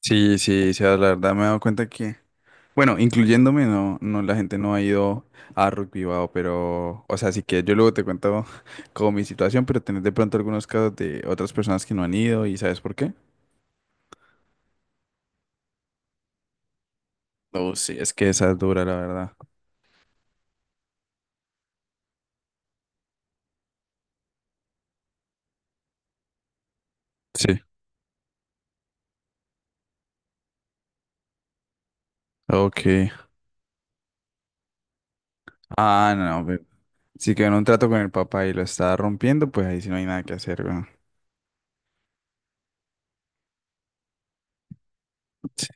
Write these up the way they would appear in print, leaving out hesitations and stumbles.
Sí, sí, sí, la verdad me he dado cuenta que, bueno, incluyéndome, no, no, la gente no ha ido a Rugby Bao, pero, o sea, sí que yo luego te cuento como mi situación, pero tenés de pronto algunos casos de otras personas que no han ido y ¿sabes por qué? No, sí, es que esa es dura, la verdad. Sí. Ok. Ah, no, pero si quedó en un trato con el papá y lo está rompiendo, pues ahí sí no hay nada que hacer, weón. Sí,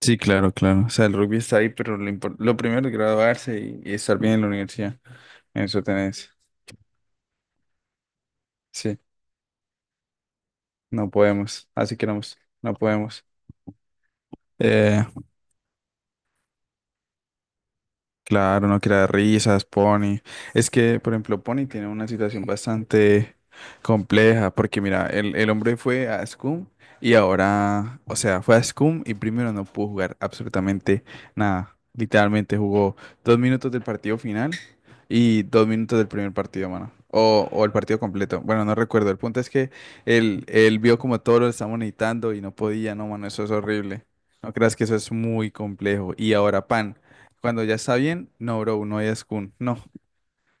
sí, claro, claro. O sea, el rugby está ahí, pero lo primero es graduarse y estar bien en la universidad. Eso tenés. Sí. No podemos, así queremos, no podemos. Eh, Claro, no quiera risas, Pony. Es que, por ejemplo, Pony tiene una situación bastante compleja, porque mira, el hombre fue a SCUM y ahora, o sea, fue a SCUM y primero no pudo jugar absolutamente nada. Literalmente jugó 2 minutos del partido final y 2 minutos del primer partido, mano. O el partido completo. Bueno, no recuerdo. El punto es que él vio como todo lo estamos necesitando y no podía, no, mano, eso es horrible. No creas que eso es muy complejo. Y ahora, Pan. Cuando ya está bien, no, bro, no es Kun. No,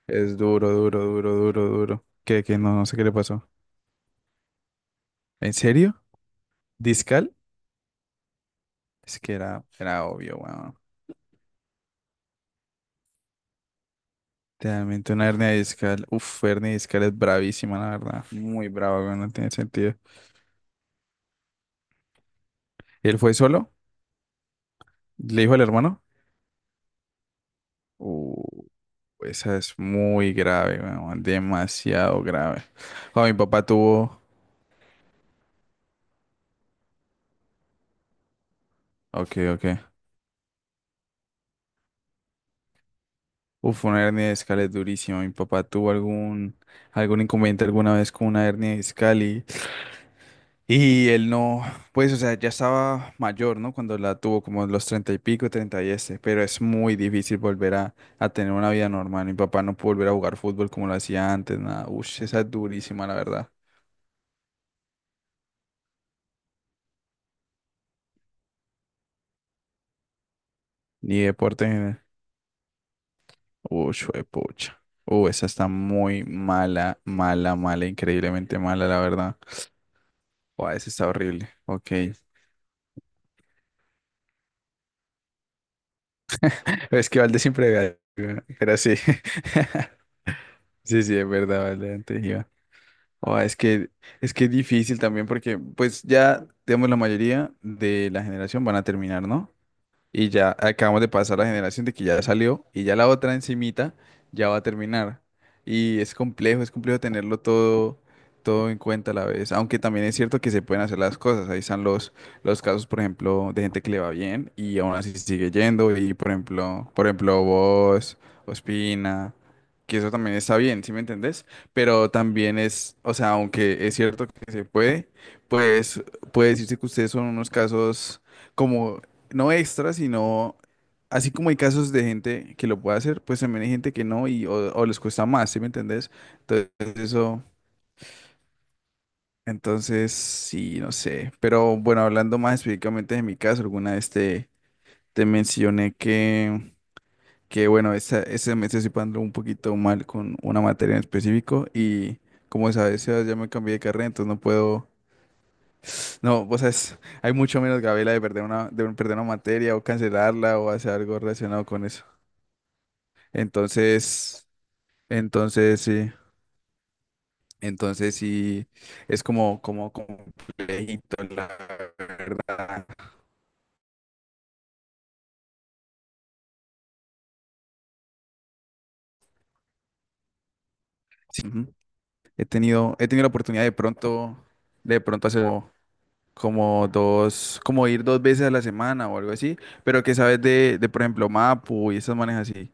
es duro, duro, duro, duro, duro. Que no, no sé qué le pasó. ¿En serio? ¿Discal? Es que era obvio, weón. Realmente una hernia discal. Uf, hernia discal es bravísima, la verdad. Muy brava, weón, no tiene sentido. ¿Y él fue solo? ¿Le dijo al hermano? Uh, Esa es muy grave, weón. Demasiado grave. Oh, mi papá tuvo. Ok, ok. Uf, una hernia de discal es durísima. Mi papá tuvo algún inconveniente alguna vez con una hernia de discal y él no, pues, o sea, ya estaba mayor, ¿no? Cuando la tuvo, como los treinta y pico, treinta y este, pero es muy difícil volver a tener una vida normal. Mi papá no pudo volver a jugar fútbol como lo hacía antes, nada. Ush, esa es durísima, la verdad. Ni deporte en general. Ush, pucha. Esa está muy mala, mala, mala, increíblemente mala, la verdad. Wow, esa está horrible. Ok. Es que Valde siempre ve. Pero sí, sí, sí, es verdad, vale, antes iba. Oh, es que es difícil también porque, pues ya, digamos, la mayoría de la generación van a terminar, ¿no? Y ya acabamos de pasar la generación de que ya salió y ya la otra encimita ya va a terminar. Y es complejo tenerlo todo en cuenta a la vez. Aunque también es cierto que se pueden hacer las cosas. Ahí están los casos, por ejemplo, de gente que le va bien y aún así sigue yendo. Y por ejemplo, vos, Ospina, que eso también está bien, ¿sí me entendés? Pero también es, o sea, aunque es cierto que se puede, pues puede decirse que ustedes son unos casos como no extra, sino así como hay casos de gente que lo puede hacer, pues también hay gente que no y o les cuesta más, ¿sí me entendés? Entonces eso, entonces sí, no sé. Pero bueno, hablando más específicamente de mi caso, alguna vez te mencioné que, bueno, ese mes estoy pasando un poquito mal con una materia en específico y como sabes, Sebas, ya me cambié de carrera, entonces no puedo. No, vos sabes, hay mucho menos gabela de perder una materia o cancelarla o hacer algo relacionado con eso. Entonces, entonces sí, entonces sí, es como complejito, la verdad. Sí, ujú. He tenido la oportunidad de pronto hacer como dos, como ir dos veces a la semana o algo así, pero que sabes de por ejemplo, Mapu y esas manejas así.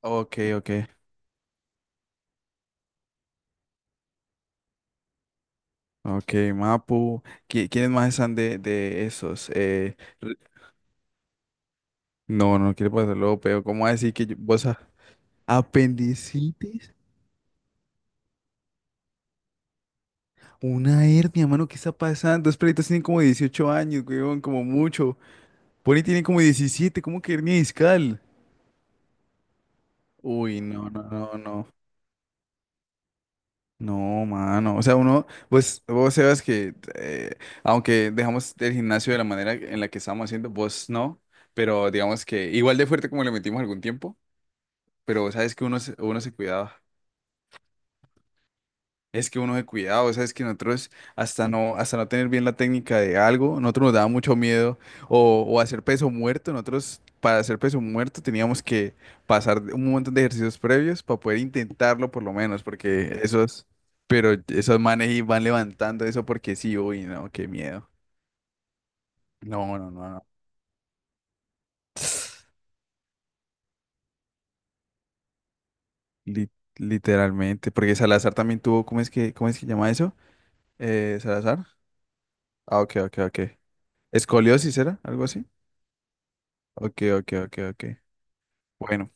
Ok, ok, ok, Mapu. ¿Quiénes más están de esos? No, no quiero pasarlo, pero ¿cómo así que apendicitis? Una hernia, mano, ¿qué está pasando? Los perritos tienen como 18 años, weón, como mucho. Pony tiene como 17. ¿Cómo que hernia discal? Uy, no, no, no, no. No, mano. O sea, uno, pues, vos sabes que, aunque dejamos el gimnasio de la manera en la que estábamos haciendo, vos no, pero digamos que igual de fuerte como le metimos algún tiempo, pero sabes que uno se cuidaba. Es que uno de cuidado, sabes que nosotros hasta no tener bien la técnica de algo, nosotros nos daba mucho miedo o hacer peso muerto, nosotros para hacer peso muerto teníamos que pasar un montón de ejercicios previos para poder intentarlo por lo menos, porque esos, pero esos manes y van levantando eso porque sí, uy, no, qué miedo. No, no, no, no. Li- literalmente, porque Salazar también tuvo, ¿cómo es que llama eso? Salazar. Ah, ok, ok, ok. Escoliosis era, algo así. Ok, ok, ok, ok. Bueno,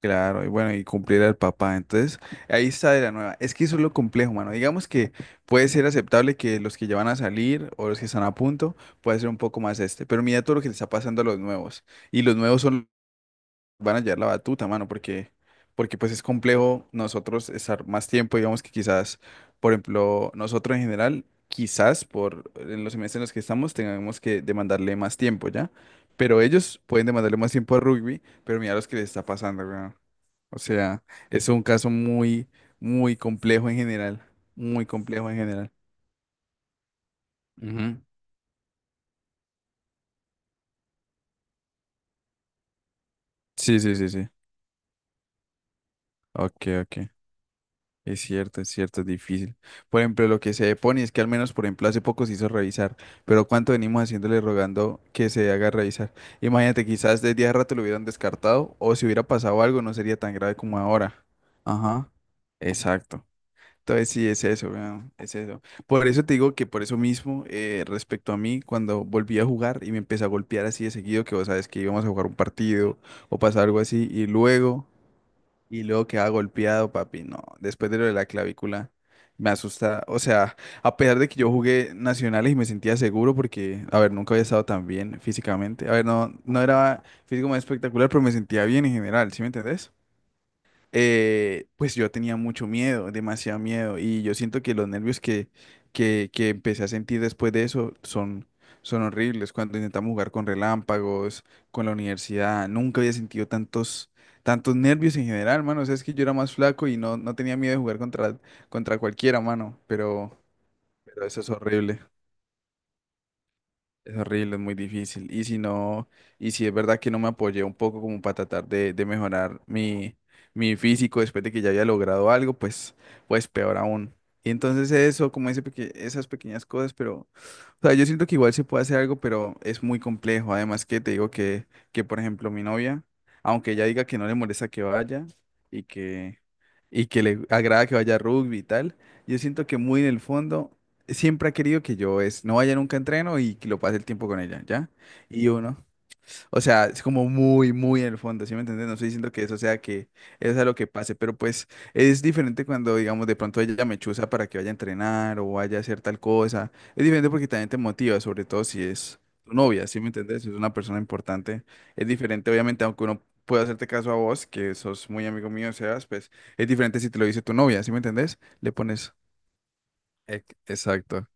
claro, y bueno, y cumplir al papá. Entonces, ahí está de la nueva. Es que eso es lo complejo, mano. Digamos que puede ser aceptable que los que ya van a salir o los que están a punto, puede ser un poco más este. Pero mira todo lo que le está pasando a los nuevos. Y los nuevos son van a llevar la batuta, mano, porque pues es complejo nosotros estar más tiempo, digamos que quizás, por ejemplo, nosotros en general, quizás por en los semestres en los que estamos tengamos que demandarle más tiempo, ¿ya? Pero ellos pueden demandarle más tiempo a rugby, pero mira los que les está pasando, weón. O sea, es un caso muy, muy complejo en general, muy complejo en general. Ujú. Sí, sí, sí, sí. Ok, ok. Es cierto, es cierto, es difícil. Por ejemplo, lo que se pone es que al menos, por ejemplo, hace poco se hizo revisar, pero ¿cuánto venimos haciéndole rogando que se haga revisar? Imagínate, quizás desde hace rato lo hubieran descartado o si hubiera pasado algo no sería tan grave como ahora. Ajá, exacto. Entonces sí, es eso, weón, es eso. Por eso te digo que por eso mismo, respecto a mí, cuando volví a jugar y me empecé a golpear así de seguido, que vos sabes que íbamos a jugar un partido o pasar algo así, y luego. Y luego queda golpeado, papi, no. Después de lo de la clavícula, me asusta. O sea, a pesar de que yo jugué nacionales y me sentía seguro porque, a ver, nunca había estado tan bien físicamente. A ver, no, no era físico más espectacular, pero me sentía bien en general, ¿sí me entendés? Pues yo tenía mucho miedo, demasiado miedo, y yo siento que los nervios que empecé a sentir después de eso son horribles. Cuando intentamos jugar con relámpagos, con la universidad, nunca había sentido tantos nervios en general, mano. O sea, es que yo era más flaco y no tenía miedo de jugar contra cualquiera, mano, pero eso es horrible. Es horrible, es muy difícil. Y si no, y si es verdad que no me apoyé un poco como para tratar de mejorar mi físico después de que ya había logrado algo, pues peor aún. Y entonces eso, como esas pequeñas cosas, pero, o sea, yo siento que igual se puede hacer algo, pero es muy complejo. Además que te digo que por ejemplo, mi novia, aunque ella diga que no le molesta que vaya y que y que le agrada que vaya a rugby y tal. Yo siento que muy en el fondo siempre ha querido que yo no vaya nunca a entreno y que lo pase el tiempo con ella, ¿ya? Y uno, o sea, es como muy, muy en el fondo, ¿sí me entiendes? No estoy diciendo que eso sea lo que pase, pero pues es diferente cuando, digamos, de pronto ella me chusa para que vaya a entrenar o vaya a hacer tal cosa. Es diferente porque también te motiva, sobre todo si es tu novia, ¿sí me entiendes? Si es una persona importante. Es diferente, obviamente, aunque uno pueda hacerte caso a vos, que sos muy amigo mío, Sebas, pues es diferente si te lo dice tu novia, ¿sí me entendés? Le pones. Exacto.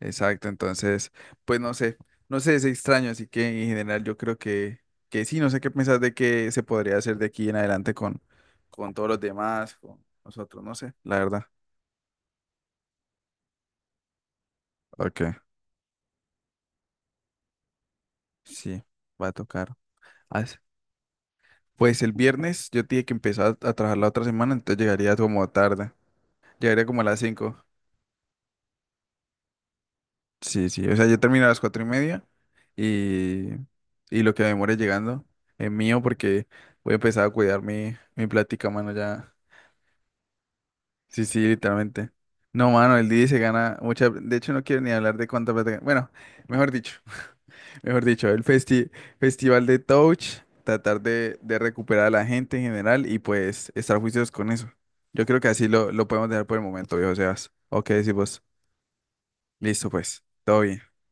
Exacto, entonces, pues no sé, no sé, es extraño, así que en general yo creo que sí, no sé qué pensás de qué se podría hacer de aquí en adelante con todos los demás, con nosotros, no sé, la verdad. Ok, sí, va a tocar. As- Pues el viernes yo tenía que empezar a trabajar la otra semana, entonces llegaría como tarde, llegaría como a las 5. Sí, sí, o sea, yo termino a las 4:30 y, y lo que me demore llegando es mío porque voy a empezar a cuidar mi plática, mano, ya. Sí, sí, literalmente. No, mano, el DJ se gana mucha. De hecho, no quiero ni hablar de cuánta plata gana. Bueno, mejor dicho, mejor dicho, el festival de Touch, tratar de recuperar a la gente en general y pues estar juiciosos con eso. Yo creo que así lo podemos dejar por el momento, viejo Sebas. Ok, decimos, listo, pues, todo bien.